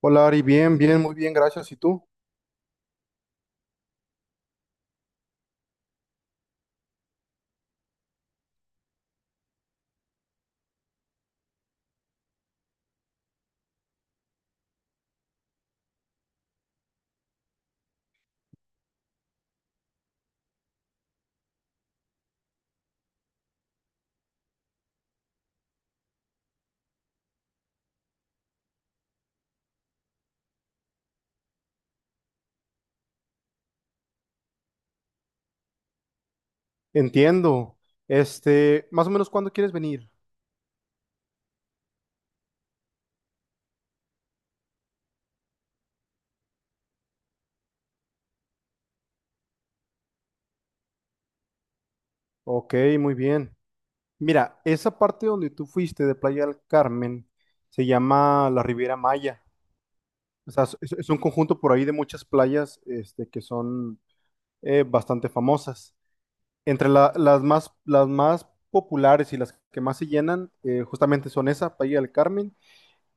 Hola Ari, bien, bien, muy bien, gracias. ¿Y tú? Entiendo. Este, más o menos, ¿cuándo quieres venir? Ok, muy bien. Mira, esa parte donde tú fuiste de Playa del Carmen se llama la Riviera Maya. O sea, es un conjunto por ahí de muchas playas, este, que son bastante famosas. Entre las más populares y las que más se llenan, justamente son esa, Playa del Carmen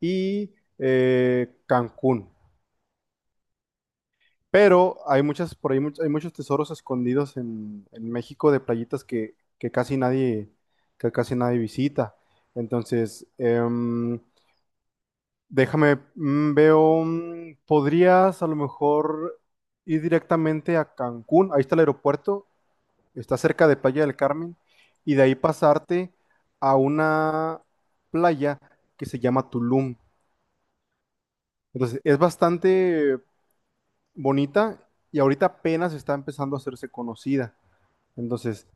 y Cancún. Pero hay muchas, por ahí hay muchos tesoros escondidos en México de playitas que casi nadie visita. Entonces, déjame, veo, podrías a lo mejor ir directamente a Cancún. Ahí está el aeropuerto, está cerca de Playa del Carmen, y de ahí pasarte a una playa que se llama Tulum. Entonces, es bastante bonita y ahorita apenas está empezando a hacerse conocida. Entonces,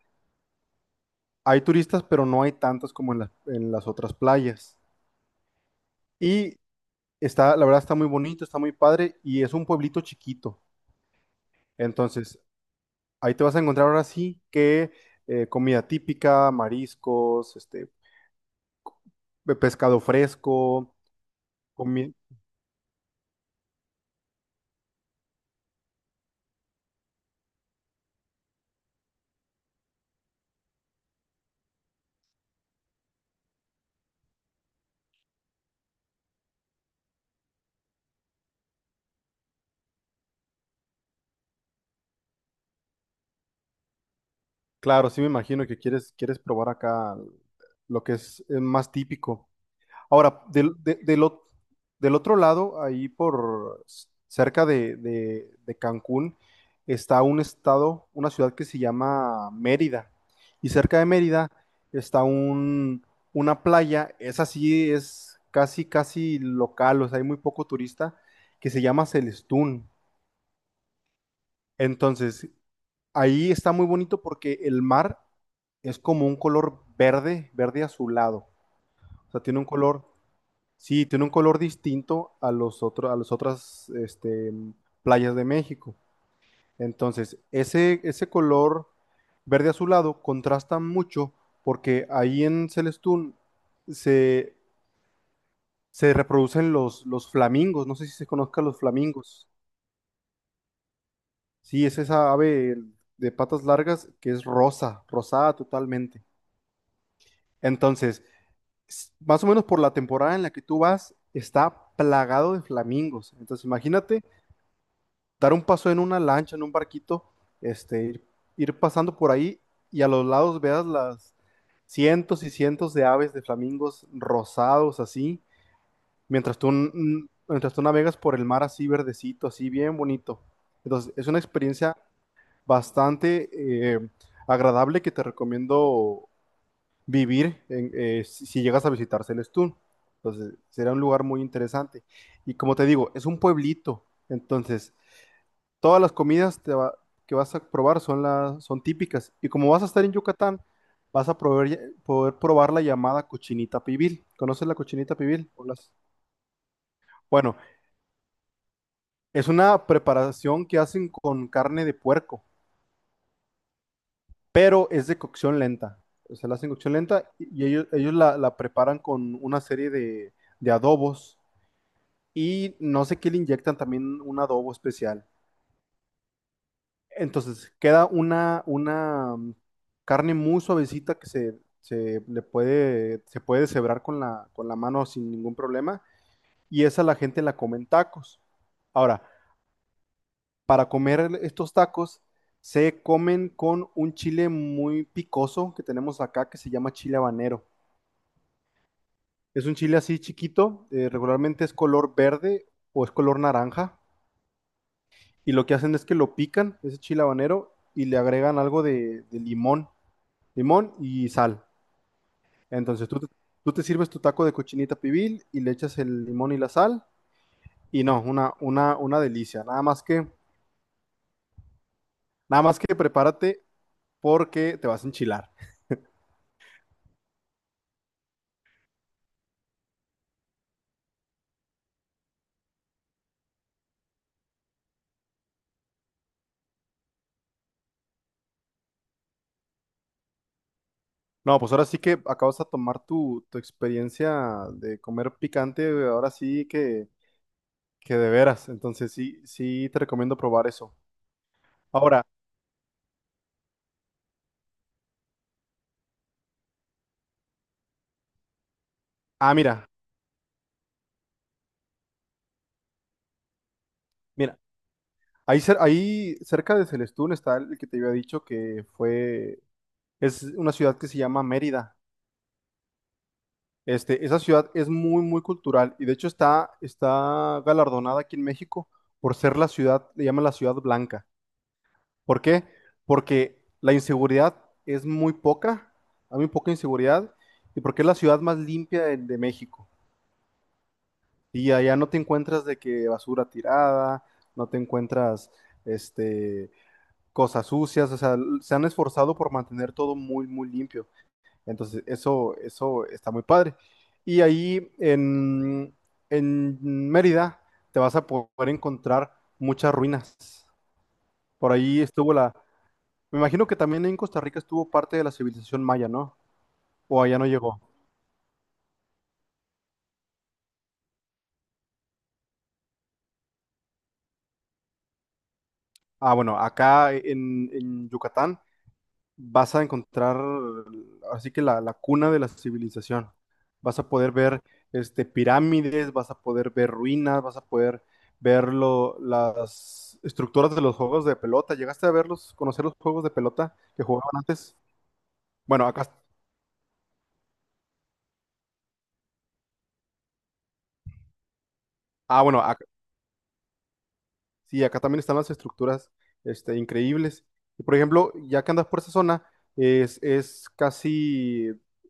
hay turistas, pero no hay tantos como en las otras playas. Y está, la verdad, está muy bonito, está muy padre y es un pueblito chiquito. Entonces, ahí te vas a encontrar ahora sí que comida típica, mariscos, este, pescado fresco, comi- claro, sí, me imagino que quieres probar acá lo que es más típico. Ahora, del, de- del ot- del otro lado, ahí por cerca de Cancún, está un estado, una ciudad que se llama Mérida. Y cerca de Mérida está una playa, esa sí es casi, casi local, o sea, hay muy poco turista, que se llama Celestún. Entonces, ahí está muy bonito porque el mar es como un color verde, verde azulado. O sea, tiene un color. Sí, tiene un color distinto a los otros, a las otras, este, playas de México. Entonces, ese color verde azulado contrasta mucho porque ahí en Celestún se, se reproducen los flamingos. No sé si se conozcan los flamingos. Sí, es esa ave de patas largas que es rosa, rosada totalmente. Entonces, más o menos por la temporada en la que tú vas, está plagado de flamingos. Entonces, imagínate dar un paso en una lancha, en un barquito, este, ir pasando por ahí y a los lados veas las cientos y cientos de aves de flamingos rosados así, mientras tú, mientras tú navegas por el mar así verdecito, así bien bonito. Entonces, es una experiencia bastante eh, agradable, que te recomiendo si, si llegas a visitar Celestún. Entonces, será un lugar muy interesante. Y como te digo, es un pueblito. Entonces, todas las comidas que vas a probar son, las son típicas. Y como vas a estar en Yucatán, vas a poder probar la llamada cochinita pibil. ¿Conoces la cochinita pibil? O bueno, es una preparación que hacen con carne de puerco, pero es de cocción lenta. O sea, la hacen cocción lenta y ellos, ellos la preparan con una serie de adobos y no sé qué, le inyectan también un adobo especial. Entonces queda una carne muy suavecita que se le puede, se puede deshebrar con la mano sin ningún problema. Y esa la gente la come en tacos. Ahora, para comer estos tacos, se comen con un chile muy picoso que tenemos acá que se llama chile habanero. Es un chile así chiquito, regularmente es color verde o es color naranja. Y lo que hacen es que lo pican, ese chile habanero, y le agregan algo de limón, limón y sal. Entonces tú te sirves tu taco de cochinita pibil y le echas el limón y la sal. Y no, una delicia. Nada más que prepárate porque te vas a enchilar. No, pues ahora sí que acabas de tomar tu, tu experiencia de comer picante, ahora sí que de veras. Entonces sí, sí te recomiendo probar eso. Ahora, mira, mira, ahí, ahí cerca de Celestún está el que te había dicho que fue, es una ciudad que se llama Mérida. Este, esa ciudad es muy, muy cultural y de hecho está, está galardonada aquí en México por ser la ciudad, le llaman la ciudad blanca. ¿Por qué? Porque la inseguridad es muy poca, hay muy poca inseguridad y porque es la ciudad más limpia de México. Y allá no te encuentras de que basura tirada, no te encuentras, este, cosas sucias, o sea, se han esforzado por mantener todo muy, muy limpio. Entonces, eso está muy padre. Y ahí en Mérida te vas a poder encontrar muchas ruinas. Por ahí estuvo la... Me imagino que también en Costa Rica estuvo parte de la civilización maya, ¿no? O allá no llegó. Ah, bueno, acá en Yucatán vas a encontrar así que la cuna de la civilización. Vas a poder ver, este, pirámides, vas a poder ver ruinas, vas a poder ver las estructuras de los juegos de pelota. ¿Llegaste a verlos, conocer los juegos de pelota que jugaban antes? Bueno, acá, ah, bueno, sí, acá también están las estructuras, este, increíbles. Y por ejemplo, ya que andas por esa zona, es casi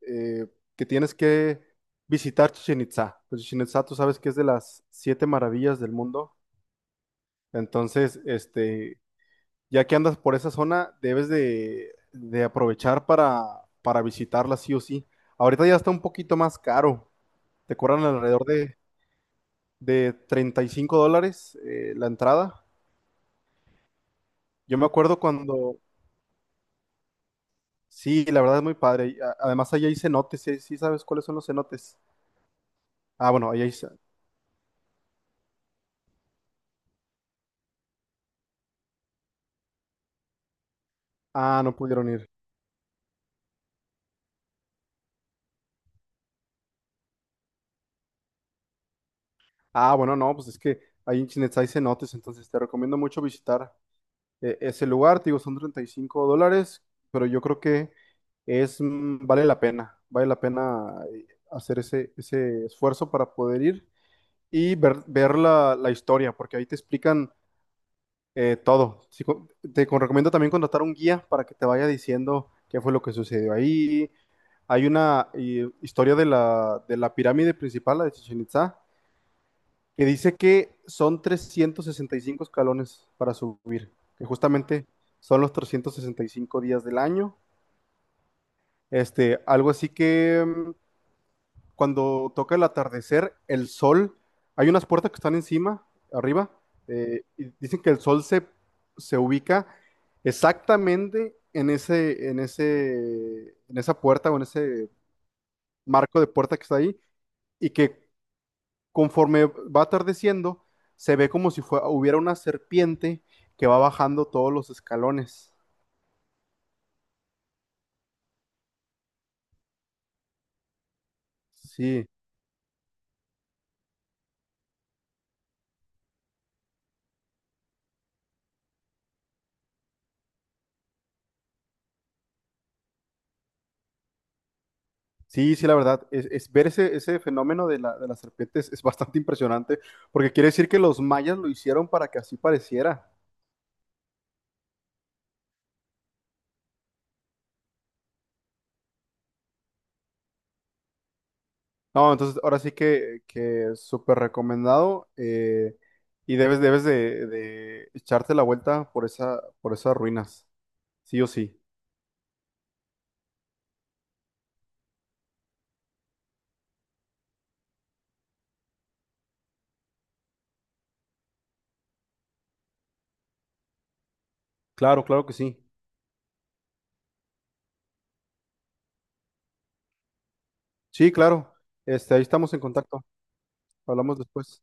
eh, que tienes que visitar Chichen Itza. Pues Chichen Itza, tú sabes que es de las siete maravillas del mundo. Entonces, este, ya que andas por esa zona, debes de aprovechar para visitarla sí o sí. Ahorita ya está un poquito más caro. Te cobran alrededor de 35 dólares, la entrada. Yo me acuerdo cuando, sí, la verdad es muy padre. Además, allá hay cenotes, ¿sí, sí sabes cuáles son los cenotes? Ah, bueno, ahí hay... ah, no pudieron ir. Ah, bueno, no, pues es que ahí en Chinetz hay cenotes, entonces te recomiendo mucho visitar, ese lugar. Te digo, son 35 dólares, pero yo creo que es, vale la pena, vale la pena, hacer ese esfuerzo para poder ir y ver, ver la, la historia, porque ahí te explican, todo. Sí, recomiendo también contratar un guía para que te vaya diciendo qué fue lo que sucedió ahí, hay una, historia de la pirámide principal, la de Chichen Itza, que dice que son 365 escalones para subir, que justamente son los 365 días del año. Este, algo así que, cuando toca el atardecer, el sol, hay unas puertas que están encima, arriba, y dicen que el sol se ubica exactamente en en esa puerta o en ese marco de puerta que está ahí, y que conforme va atardeciendo, se ve como si fue- hubiera una serpiente que va bajando todos los escalones. Sí, sí, sí, la verdad, es ver ese fenómeno de la, de las serpientes es bastante impresionante, porque quiere decir que los mayas lo hicieron para que así pareciera. No, entonces ahora sí que súper recomendado, y debes, debes de echarte la vuelta por por esas ruinas, sí o sí. Claro, claro que sí. Sí, claro. Este, ahí estamos en contacto. Hablamos después.